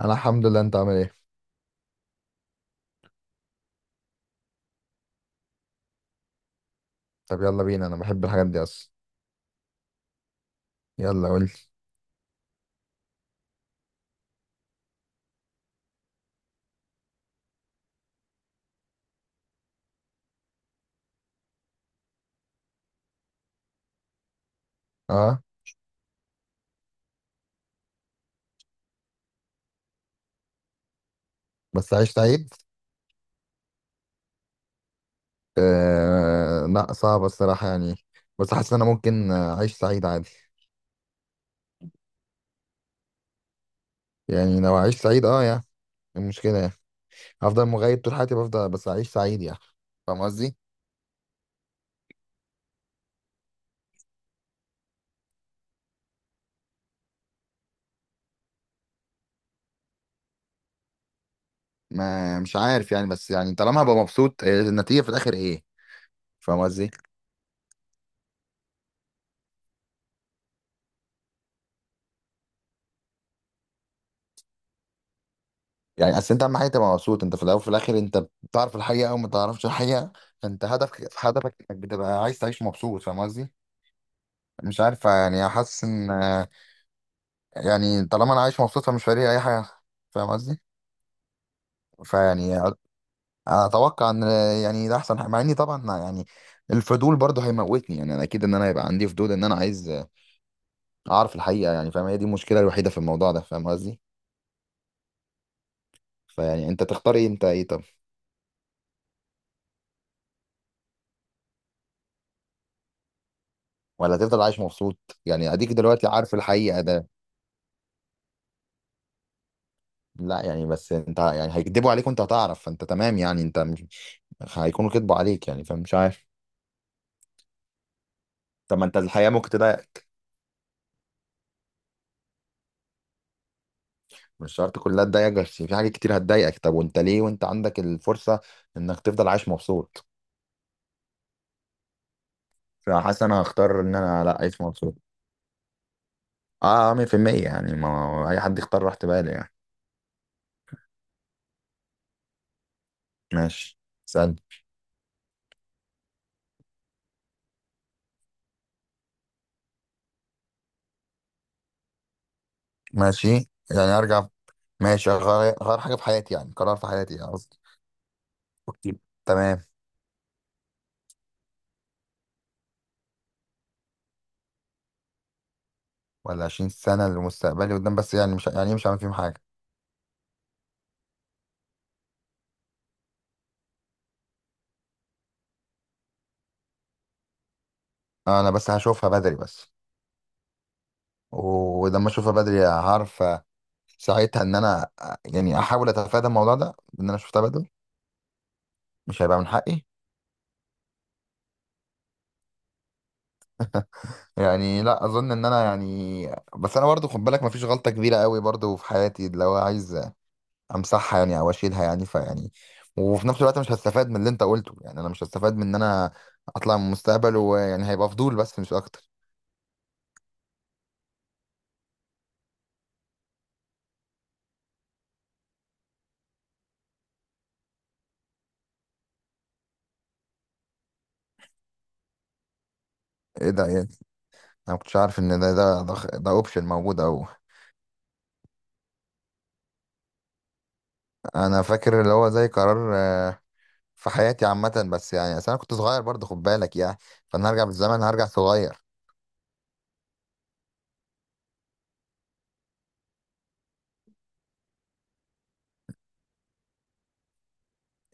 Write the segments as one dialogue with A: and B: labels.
A: انا الحمد لله. انت عامل ايه؟ طب يلا بينا، انا بحب الحاجات دي اصلا. يلا قول لي. اه. بس عيش سعيد. آه لا، صعب الصراحه يعني. بس حاسس ان انا ممكن اعيش سعيد عادي. يعني لو اعيش سعيد يعني، إيه المشكله يعني؟ هفضل مغيب طول حياتي، بفضل بس اعيش سعيد يعني. فاهم قصدي. ما مش عارف يعني، بس يعني طالما هبقى مبسوط، إيه النتيجه في الاخر؟ ايه؟ فاهم قصدي. يعني اصل انت اهم حاجه تبقى مبسوط انت، في الاول وفي الاخر انت بتعرف الحقيقه او ما تعرفش الحقيقه. فانت هدفك، هدفك انك بتبقى عايز تعيش مبسوط. فاهم قصدي. مش عارف يعني، حاسس ان يعني طالما انا عايش مبسوط فمش فارق لي اي حاجه. فاهم قصدي. فيعني أ- اتوقع ان يعني ده احسن حاجة. مع اني طبعا يعني الفضول برضه هيموتني. يعني انا اكيد ان انا هيبقى عندي فضول، ان انا عايز اعرف الحقيقه يعني. فاهم، هي دي المشكله الوحيده في الموضوع ده. فاهم قصدي. فيعني انت تختار ايه؟ انت ايه؟ طب ولا تفضل عايش مبسوط؟ يعني اديك دلوقتي عارف الحقيقه ده. لا يعني، بس انت يعني هيكدبوا عليك وانت هتعرف، فانت تمام يعني، انت مش هيكونوا كدبوا عليك يعني. فمش عارف. طب ما انت الحقيقه ممكن تضايقك. مش شرط كلها تضايقك، بس في حاجات كتير هتضايقك. طب وانت ليه وانت عندك الفرصة انك تفضل عايش مبسوط؟ فحاسس انا هختار ان انا لا، عايش مبسوط. اه 100%. يعني ما هو اي حد يختار راحة باله يعني. ماشي. سأل. ماشي. يعني ارجع. ماشي، غير غير حاجة في حياتي، يعني قرار في حياتي يعني، قصدي. أوكي. تمام. ولا 20 سنة لمستقبلي قدام، بس يعني مش هعمل فيهم حاجة. انا بس هشوفها بدري بس. ولما اشوفها بدري هعرف ساعتها ان انا يعني احاول اتفادى الموضوع ده. ان انا شفتها بدري، مش هيبقى من حقي. يعني لا اظن ان انا يعني، بس انا برضو خد بالك مفيش غلطه كبيره قوي برضو في حياتي لو عايز امسحها يعني، او اشيلها يعني. فيعني وفي نفس الوقت مش هستفاد من اللي انت قلته. يعني انا مش هستفاد من ان انا اطلع من المستقبل، ويعني هيبقى فضول بس مش اكتر. ايه ده يعني؟ انا ما كنتش عارف ان ده اوبشن موجود او. انا فاكر اللي هو زي قرار في حياتي عامه، بس يعني اصل انا كنت صغير برضو خد بالك يعني. فانا هرجع بالزمن، هرجع صغير.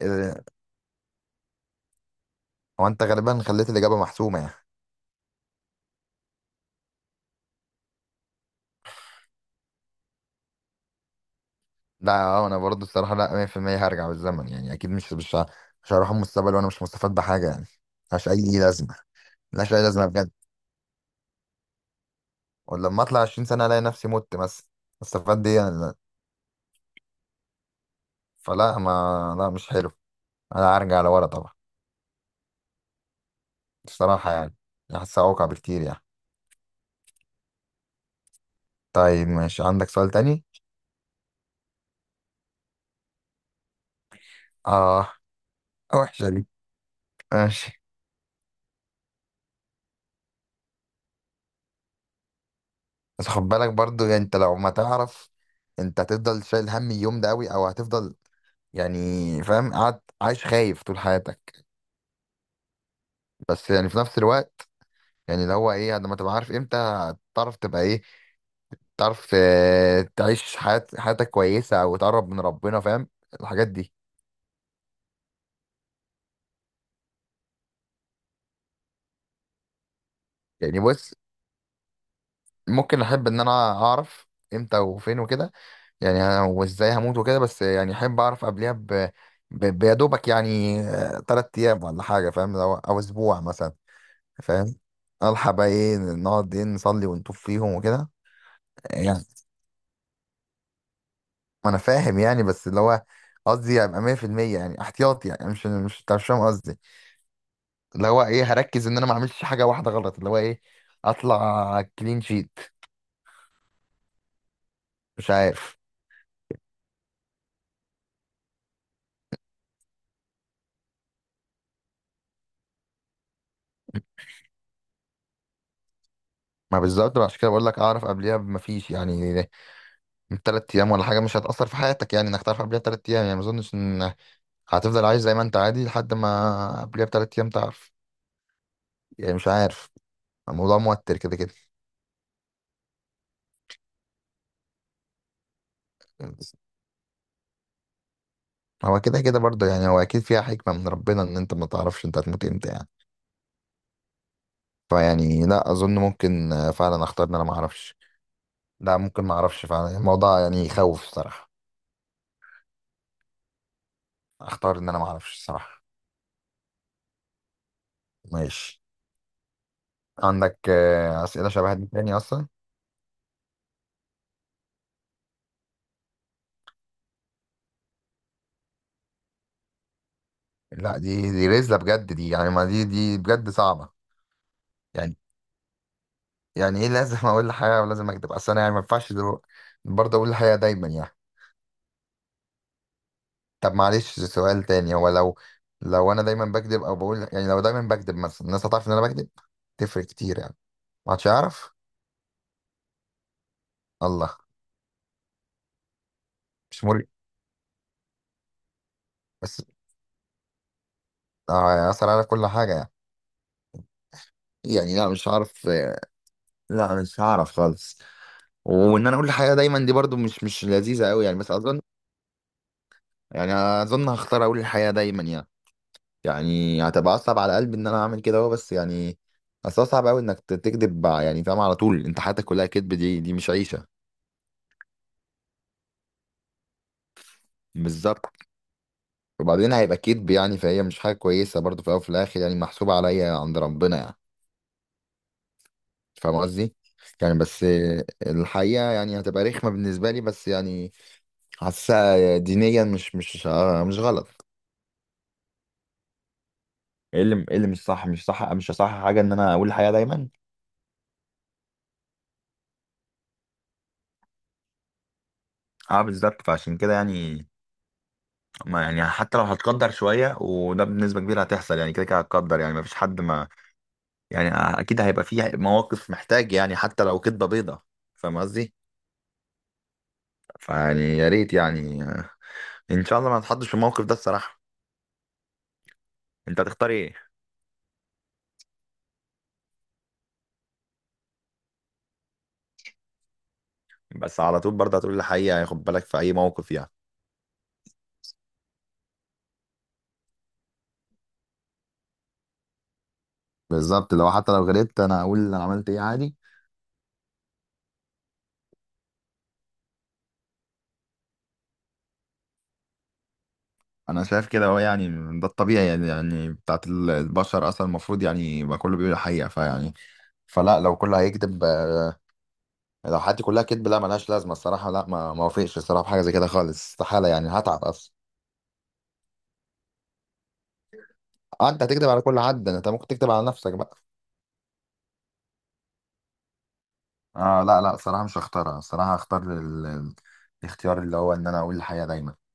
A: إيه ده؟ هو انت غالبا خليت الاجابه محسومه يعني. لا اه، انا برضه الصراحه لا 100% هرجع بالزمن يعني. اكيد مش هروح المستقبل وانا مش مستفاد بحاجه يعني. ملهاش اي لازمه. ملهاش اي لازمه بجد. ولما اطلع 20 سنه الاقي نفسي مت مثلا، استفاد دي يعني؟ لا. فلا، ما لا، مش حلو. انا هرجع لورا طبعا الصراحه يعني. حاسسها اوقع بكتير يعني. طيب ماشي، عندك سؤال تاني؟ اه. وحشه دي. ماشي. بس خد بالك برضه، يعني انت لو ما تعرف، انت هتفضل شايل هم اليوم ده قوي، او هتفضل يعني فاهم قاعد عايش خايف طول حياتك. بس يعني في نفس الوقت يعني اللي هو ايه، لما تبقى عارف امتى، تعرف تبقى ايه، تعرف تعيش حياة، حياتك كويسة، او تقرب من ربنا. فاهم، الحاجات دي. يعني بص، ممكن احب ان انا اعرف امتى وفين وكده، يعني أنا وازاي هموت وكده. بس يعني احب اعرف قبلها بيدوبك يعني تلات ايام ولا حاجة. فاهم؟ او اسبوع مثلا. فاهم. الحق بقى ايه، نقعد ايه نصلي ونطوف فيهم وكده. يعني ما انا فاهم يعني، بس اللي هو قصدي ابقى 100% يعني، احتياطي يعني. مش مش انت مش فاهم قصدي. اللي هو ايه، هركز ان انا ما اعملش حاجه واحده غلط. اللي هو ايه، اطلع كلين شيت. مش عارف. ما بالظبط بقى، عشان كده بقول لك اعرف قبليها، ما فيش يعني، من ثلاث ايام ولا حاجه مش هتاثر في حياتك يعني. انك تعرف قبليها ثلاث ايام يعني، ما اظنش ان هتفضل عايش زي ما انت عادي لحد ما قبليها بثلاث ايام تعرف يعني. مش عارف، الموضوع موتر كده كده. هو كده كده برضه يعني، هو اكيد فيها حكمه من ربنا ان انت ما تعرفش انت هتموت امتى يعني. فيعني لا اظن، ممكن فعلا اختار ان انا ما اعرفش. لا ممكن ما اعرفش فعلا. الموضوع يعني يخوف الصراحه. اختار ان انا ما اعرفش الصراحه. ماشي. عندك اسئله شبه دي تاني اصلا؟ لا، دي رزله بجد دي يعني. ما دي بجد صعبه يعني. يعني ايه، لازم اقول الحقيقه ولازم اكذب؟ اصل انا يعني ما ينفعش برضه اقول الحقيقه دايما يعني. طب معلش، سؤال تاني. هو لو انا دايما بكذب، او بقول يعني لو دايما بكذب مثلا، الناس هتعرف ان انا بكذب؟ تفرق كتير يعني. ما حدش يعرف. الله. مش مريح. بس هيأثر على كل حاجة يعني. يعني لا مش هعرف. لا مش هعرف خالص. وان انا اقول الحقيقة دايما دي برضو مش لذيذة قوي يعني، بس اظن يعني اظن هختار اقول الحقيقة دايما يعني. يعني هتبقى اصعب على قلبي ان انا اعمل كده اهو، بس يعني اصل هو صعب قوي انك تكذب يعني فاهم على طول. انت حياتك كلها كذب، دي مش عيشة. بالظبط. وبعدين هيبقى كذب يعني، فهي مش حاجة كويسة برضو، في الاول وفي الاخر يعني محسوبة عليا عند ربنا يعني. فاهم قصدي. يعني بس الحقيقة يعني هتبقى رخمة بالنسبة لي، بس يعني حاسسها دينيا مش غلط. ايه اللي، ايه اللي مش صح؟ مش صح حاجه ان انا اقول الحقيقه دايما؟ اه بالظبط. فعشان كده يعني ما يعني حتى لو هتقدر شويه، وده بنسبه كبيره هتحصل يعني كده كده هتقدر يعني. ما فيش حد ما، يعني اكيد هيبقى فيه مواقف محتاج يعني حتى لو كدبه بيضه. فاهم قصدي. فيعني يا ريت يعني، ان شاء الله ما نتحطش في الموقف ده الصراحه. انت هتختار ايه؟ بس على طول برضه هتقول الحقيقه يعني؟ خد بالك، في اي موقف يعني. بالظبط. لو حتى لو غلطت انا اقول انا عملت ايه، عادي. انا شايف كده. هو يعني ده الطبيعي يعني، يعني بتاعت البشر اصلا، المفروض يعني ما كله بيقول الحقيقه. فيعني فلا، لو كله هيكذب لو حياتي كلها كذب، لا ملهاش لازمه الصراحه. لا ما وافقش الصراحه بحاجه زي كده خالص، استحاله يعني، هتعب اصلا. انت هتكذب على كل حد. انت ممكن تكذب على نفسك بقى. اه لا لا، الصراحه مش هختارها. الصراحه هختار الاختيار اللي هو ان انا اقول الحقيقه دايما.